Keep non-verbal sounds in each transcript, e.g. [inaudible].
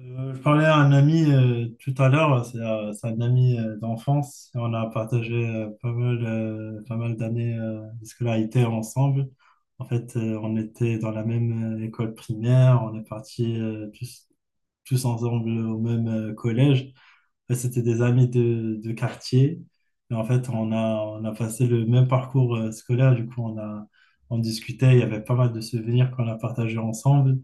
Je parlais à un ami tout à l'heure, c'est un ami d'enfance et on a partagé pas mal d'années de scolarité ensemble. En fait, on était dans la même école primaire, on est partis tous ensemble au même collège. Et c'était des amis de quartier. Et en fait, on a passé le même parcours scolaire. Du coup, on discutait, il y avait pas mal de souvenirs qu'on a partagés ensemble.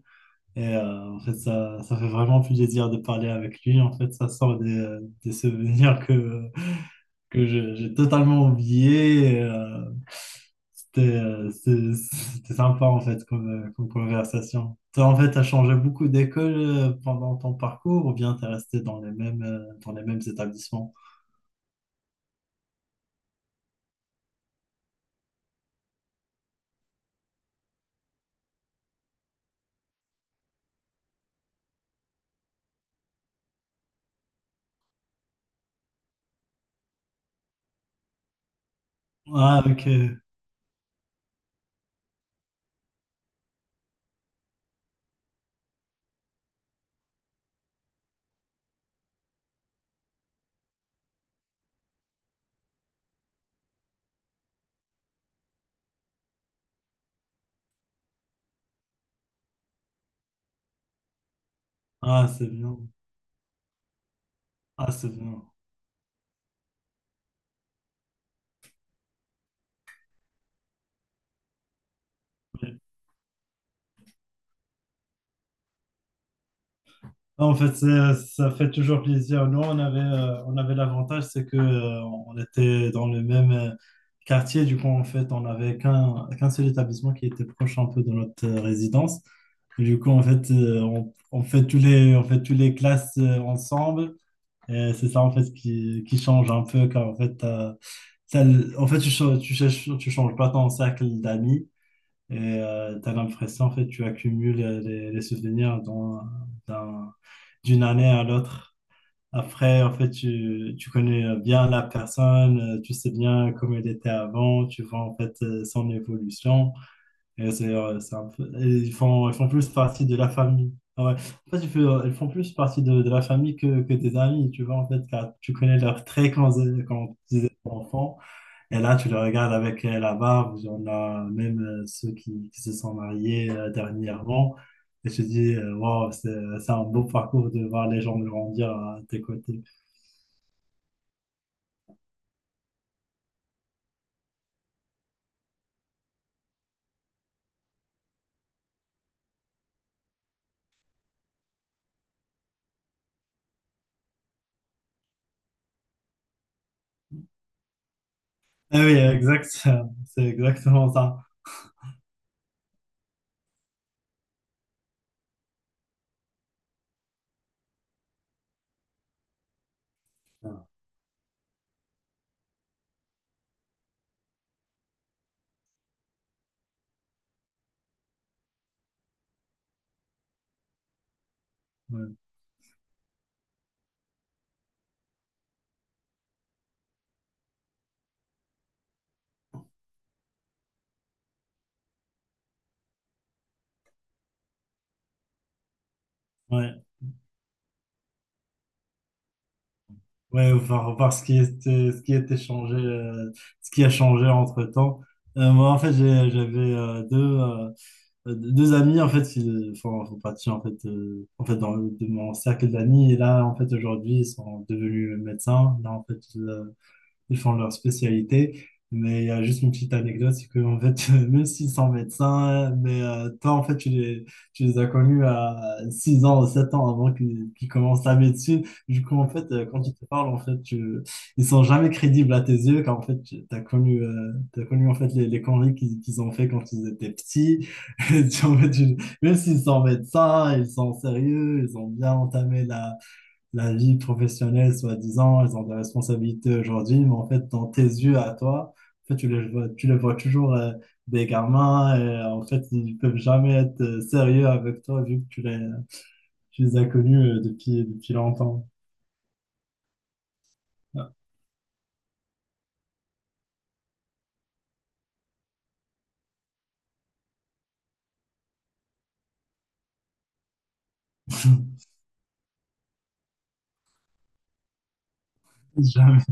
Et en fait, ça fait vraiment plaisir de parler avec lui. En fait, ça sort des souvenirs j'ai totalement oubliés. Et, c'était sympa, en fait, comme conversation. Toi, en fait, tu as changé beaucoup d'école pendant ton parcours, ou bien tu es resté dans les mêmes établissements? Ah, ok. Ah, c'est bien. Ah, c'est bien. Non, en fait, ça fait toujours plaisir. Nous, on avait l'avantage, c'est que, on était dans le même quartier. Du coup, en fait, on n'avait qu'un seul établissement qui était proche un peu de notre résidence. Et du coup, en fait, on fait tous les classes ensemble. Et c'est ça, en fait, qui change un peu, car en fait, en fait, tu changes pas ton cercle d'amis. Et tu as l'impression, en fait, tu accumules les souvenirs d'un- d'une année à l'autre. Après, en fait, tu connais bien la personne, tu sais bien comment elle était avant, tu vois, en fait, son évolution. Et ils font plus partie de la famille. Ah, ouais. En fait, ils font plus partie de la famille que tes amis, tu vois, en fait, car tu connais leurs traits quand ils étaient enfants. Et là, tu le regardes avec la barbe. On a même ceux qui se sont mariés dernièrement. Et je dis, wow, c'est un beau parcours de voir les gens grandir à tes côtés. Eh oui, exact, [laughs] c'est exactement ça. Ouais, ouais, ouais, voir ce qui était changé, ce qui a changé entre-temps. Moi, en fait, j'avais deux amis en fait qui font partie en fait dans de mon cercle d'amis, et là en fait aujourd'hui ils sont devenus médecins. Là en fait, ils font leur spécialité. Mais il y a juste une petite anecdote, c'est que en fait, [laughs] même s'ils sont médecins, mais toi, en fait, tu les as connus à 6 ans ou 7 ans avant qu'ils commencent la médecine. Du coup, en fait, quand ils te parlent, en fait, ils sont jamais crédibles à tes yeux, car en fait, tu as connu en fait, les conneries qu'ils ont fait quand ils étaient petits. [laughs] Et tu- en fait, tu- même s'ils sont médecins, ils sont sérieux, ils ont bien entamé la vie professionnelle, soi-disant, ils ont des responsabilités aujourd'hui, mais en fait, dans tes yeux à toi, en fait, tu les vois toujours des gamins. Et en fait, ils peuvent jamais être sérieux avec toi, vu que tu les as connus depuis longtemps. Ouais. [laughs] Jamais.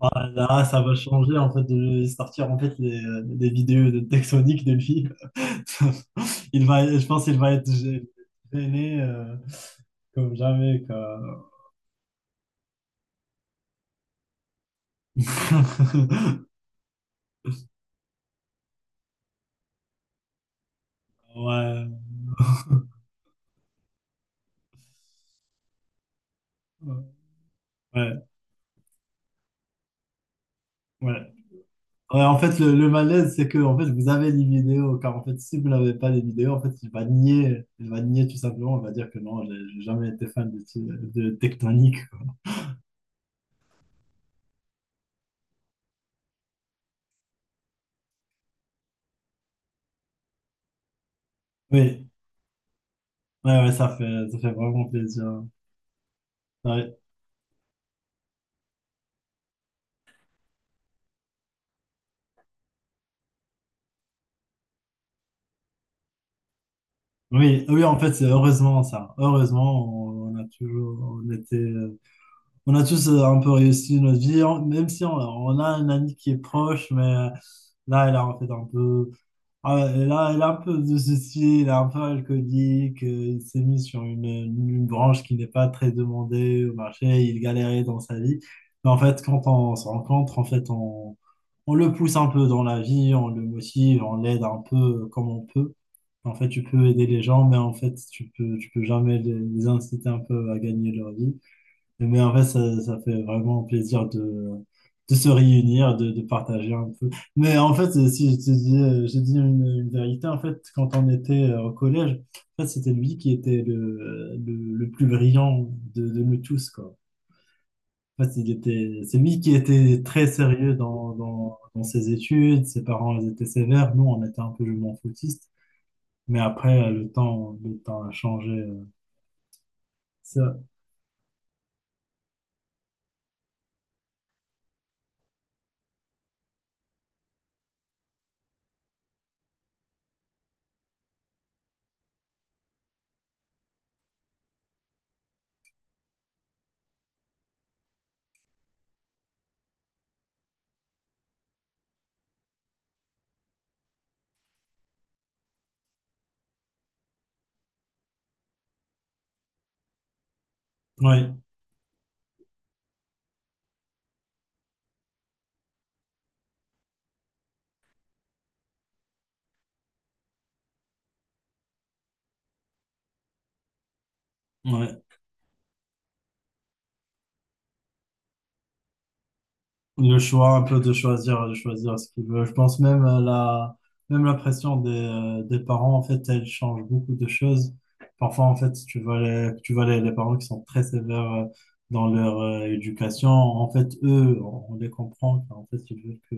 Ah, là, ça va changer en fait de lui sortir en fait des vidéos de Texonic de lui. [laughs] Je pense qu'il va être gêné comme jamais, quoi. Ouais, ouais, ouais. Ouais, en fait, le malaise, c'est que en fait, vous avez les vidéos, car en fait, si vous n'avez pas les vidéos, en fait, il va nier tout simplement. Il va dire que non, j'ai jamais été fan de Tectonic. Oui, ouais, ouais, ça fait vraiment plaisir. Ouais. Oui, oui, en fait, c'est heureusement ça. Heureusement, on a toujours, on était, on a tous un peu réussi notre vie, même si on a un ami qui est proche, mais là, il a en fait un peu. Ah, elle a un peu de ceci, elle est un peu alcoolique. Il s'est mis sur une branche qui n'est pas très demandée au marché, il galérait dans sa vie. Mais en fait, quand on se rencontre, en fait, on le pousse un peu dans la vie, on le motive, on l'aide un peu comme on peut. En fait, tu peux aider les gens, mais en fait, tu peux jamais les inciter un peu à gagner leur vie. Mais en fait, ça fait vraiment plaisir de, se réunir, de partager un peu. Mais en fait, si je te dis, j'ai dit une vérité. En fait, quand on était au collège, en fait, c'était lui qui était le plus brillant de nous tous, quoi. En fait, il était, c'est lui qui était très sérieux dans ses études, ses parents ils étaient sévères, nous, on était un peu je m'en foutiste. Mais après, le temps a changé. Ça. Ouais, ouais. Le choix, un peu de choisir, ce qu'il veut. Je pense même à même la pression des parents, en fait, elle change beaucoup de choses. Parfois, en fait, tu vois les parents qui sont très sévères dans leur éducation. En fait, eux, on les comprend. En fait, ils veulent que,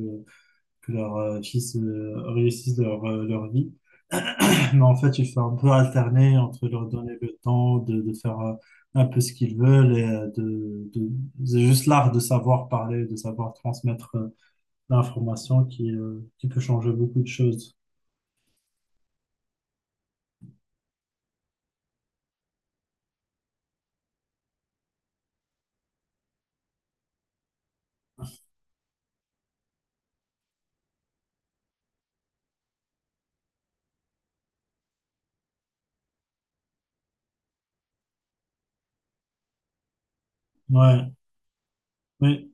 que leur fils réussisse leur vie. [clears throat] Mais en fait, il faut un peu alterner entre leur donner le temps de faire un peu ce qu'ils veulent, et c'est juste l'art de savoir parler, de savoir transmettre l'information qui peut changer beaucoup de choses. Ouais, oui,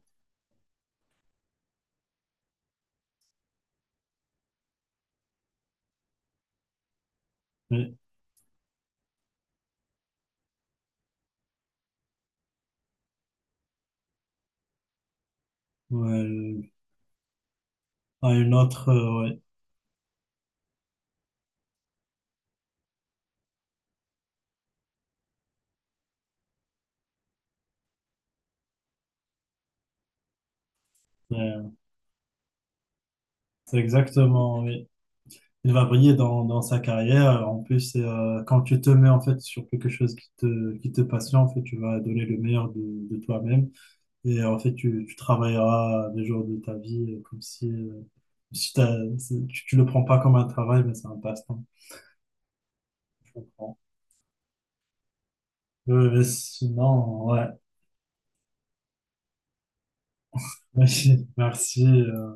oui. Ouais, à une autre, ouais. Euh, C'est exactement, oui. Il va briller dans sa carrière. En plus, quand tu te mets en fait sur quelque chose qui te passionne, en fait, tu vas donner le meilleur de toi-même. Et en fait, tu travailleras des jours de ta vie comme si, tu le prends pas comme un travail, mais c'est un passe-temps. Je comprends. Mais sinon, ouais. [laughs] Merci.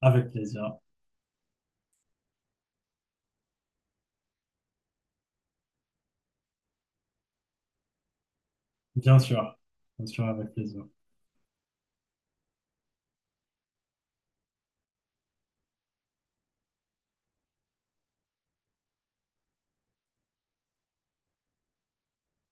Avec plaisir. Bien sûr. Bien sûr, avec plaisir.